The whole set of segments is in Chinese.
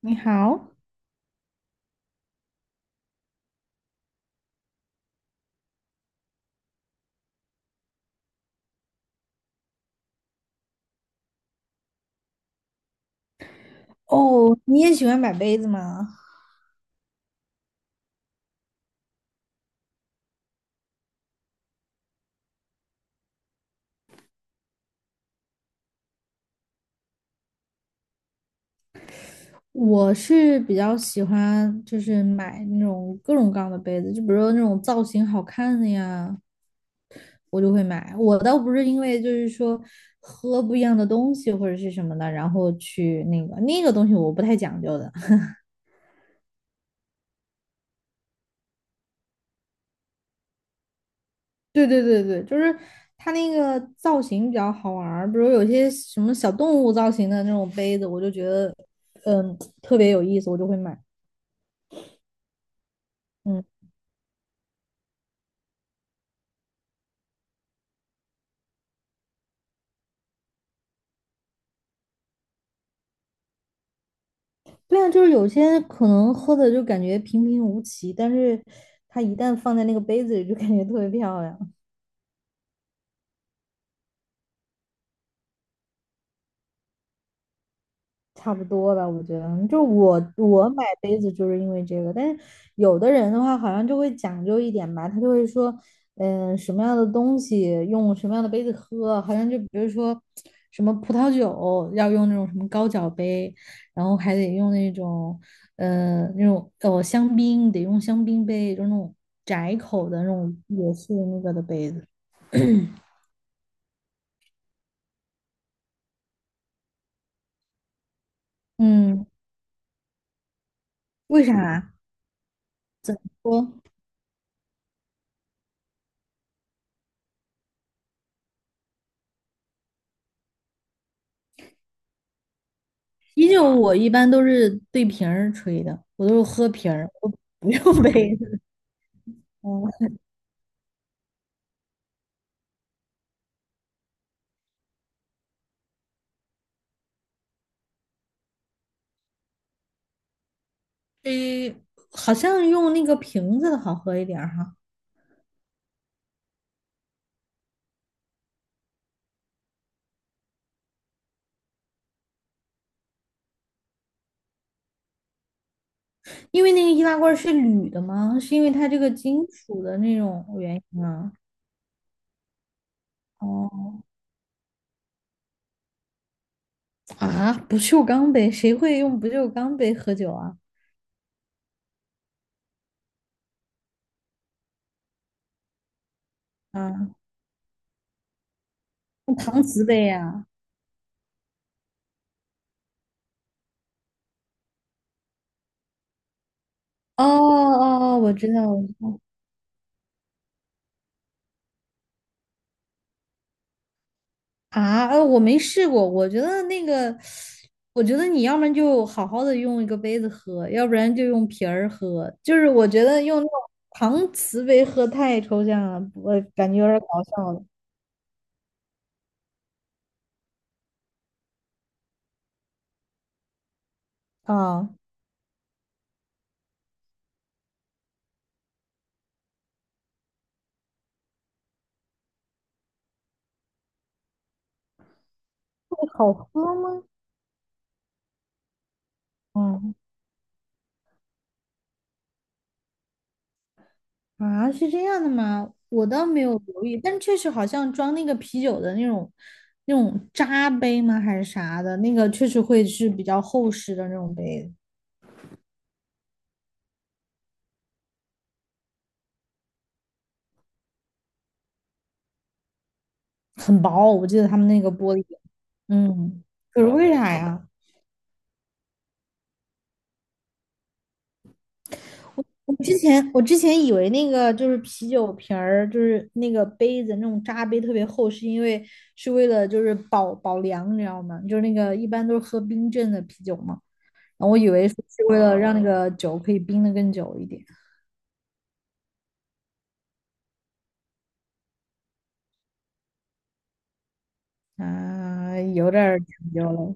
你好。哦，你也喜欢买杯子吗？我是比较喜欢就是买那种各种各样的杯子，就比如说那种造型好看的呀，我就会买。我倒不是因为就是说喝不一样的东西或者是什么的，然后去那个东西我不太讲究的。对对对对，就是它那个造型比较好玩儿，比如有些什么小动物造型的那种杯子，我就觉得特别有意思，我就会买。嗯。对啊，就是有些可能喝的就感觉平平无奇，但是它一旦放在那个杯子里，就感觉特别漂亮。差不多吧，我觉得，就我买杯子就是因为这个，但是有的人的话好像就会讲究一点吧，他就会说，嗯、什么样的东西用什么样的杯子喝，好像就比如说什么葡萄酒要用那种什么高脚杯，然后还得用那种，那种香槟得用香槟杯，就那种窄口的那种也是那个的杯子。嗯，为啥？啤酒我一般都是对瓶儿吹的，我都是喝瓶儿，我不用杯子。嗯。诶，好像用那个瓶子的好喝一点儿哈，因为那个易拉罐是铝的吗？是因为它这个金属的那种原因啊？哦。啊，不锈钢杯，谁会用不锈钢杯喝酒啊？啊，用搪瓷杯呀、哦哦哦，我知道，我知道。啊，我没试过，我觉得那个，我觉得你要不然就好好的用一个杯子喝，要不然就用瓶儿喝，就是我觉得用那种搪瓷杯喝太抽象了，我感觉有点儿搞笑了啊。会好喝吗？嗯。啊，是这样的吗？我倒没有留意，但确实好像装那个啤酒的那种那种扎杯吗？还是啥的？那个确实会是比较厚实的那种杯子。很薄，我记得他们那个玻璃。嗯，可是为啥呀？我之前以为那个就是啤酒瓶儿，就是那个杯子那种扎杯特别厚，是因为是为了就是保凉，你知道吗？就是那个一般都是喝冰镇的啤酒嘛，然后我以为是为了让那个酒可以冰的更久一点。啊，有点儿讲究了。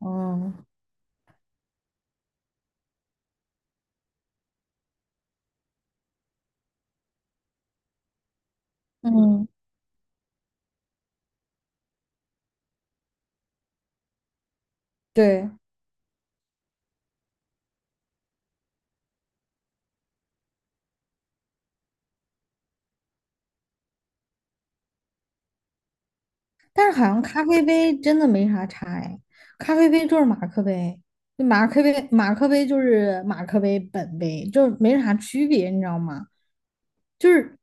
嗯。嗯，对，但是好像咖啡杯真的没啥差哎，咖啡杯就是马克杯，就马克杯就是马克杯本杯，就是没啥区别，你知道吗？就是，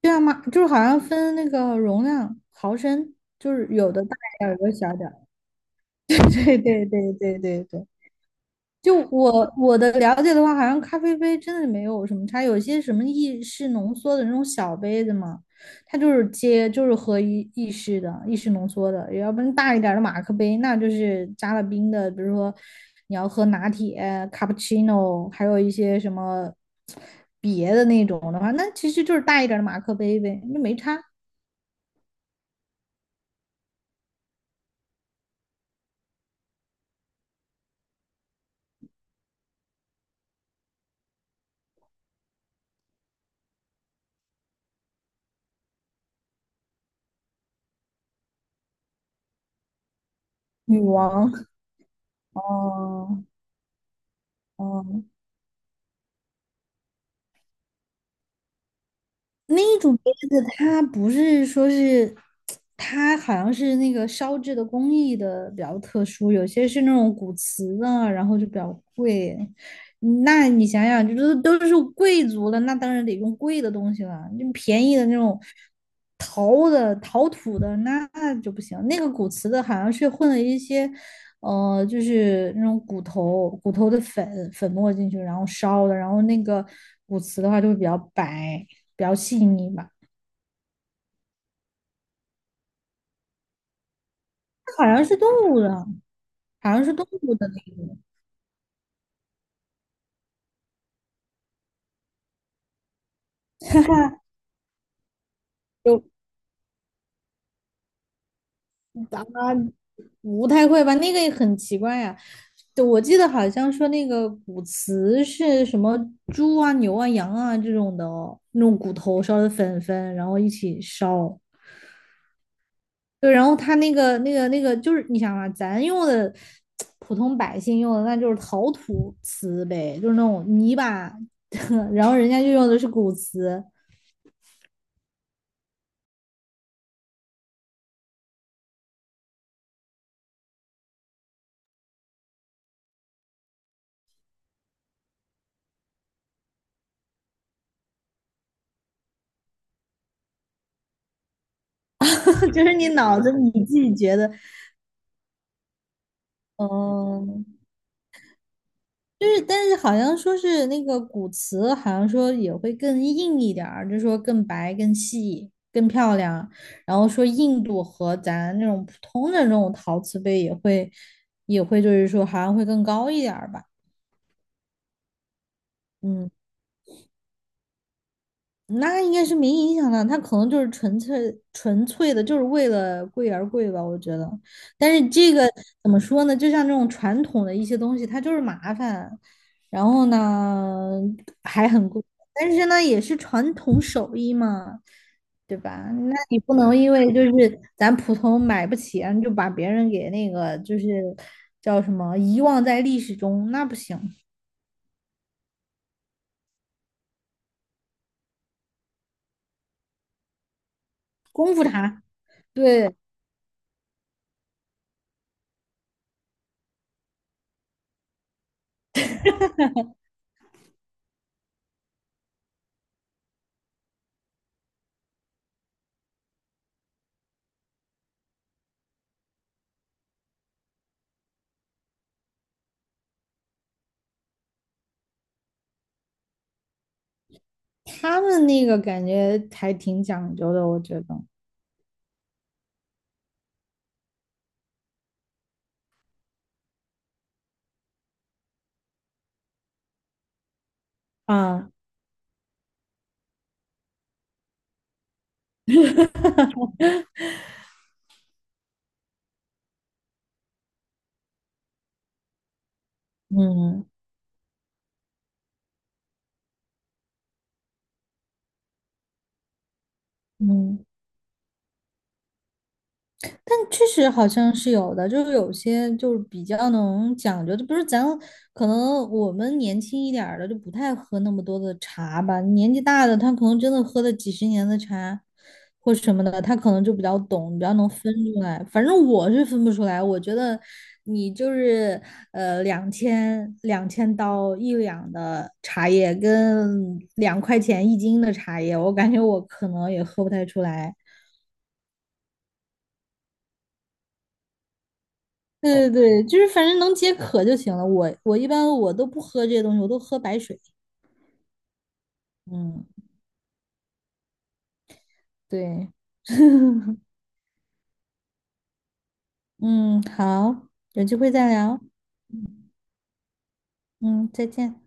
对啊，马就是好像分那个容量毫升，就是有的大一点儿，有的小点儿。对对对对对对，就我的了解的话，好像咖啡杯真的没有什么差，有些什么意式浓缩的那种小杯子嘛，它就是接就是喝意式的意式浓缩的，要不然大一点的马克杯，那就是加了冰的，比如说你要喝拿铁、卡布奇诺，还有一些什么别的那种的话，那其实就是大一点的马克杯呗，那没差。女王，哦哦。那种杯子它不是说是，它好像是那个烧制的工艺的比较特殊，有些是那种古瓷的，然后就比较贵。嗯，那你想想，就是都是贵族了，那当然得用贵的东西了。就便宜的那种陶的、陶土的，那就不行。那个古瓷的好像是混了一些。就是那种骨头的粉粉末进去，然后烧的，然后那个骨瓷的话就会比较白，比较细腻吧。好像是动物的，好像是动物的那种。哈哈，有。咱们不太会吧？那个也很奇怪呀、对，我记得好像说那个骨瓷是什么猪啊、牛啊、羊啊这种的那种骨头烧的粉粉，然后一起烧。对，然后他那个就是你想嘛，咱用的普通百姓用的那就是陶土瓷呗，就是那种泥巴，然后人家就用的是古瓷。就是你脑子你自己觉得。嗯，就是但是好像说是那个古瓷，好像说也会更硬一点儿，就是说更白、更细、更漂亮，然后说硬度和咱那种普通的那种陶瓷杯也会就是说好像会更高一点儿吧。嗯。那应该是没影响的，他可能就是纯粹的，就是为了贵而贵吧，我觉得。但是这个怎么说呢？就像这种传统的一些东西，它就是麻烦，然后呢还很贵，但是呢也是传统手艺嘛，对吧？那你不能因为就是咱普通买不起啊你就把别人给那个就是叫什么遗忘在历史中，那不行。功夫茶，对。他们那个感觉还挺讲究的，我觉得。啊，嗯嗯，但确实好像是有的，就是有些就是比较能讲究，就不是咱可能我们年轻一点儿的就不太喝那么多的茶吧，年纪大的他可能真的喝了几十年的茶或什么的，他可能就比较懂，比较能分出来。反正我是分不出来，我觉得你就是两千刀1两的茶叶跟2块钱1斤的茶叶，我感觉我可能也喝不太出来。对对对，就是反正能解渴就行了。我一般我都不喝这些东西，我都喝白水。嗯，对。嗯，好，有机会再聊。嗯，再见。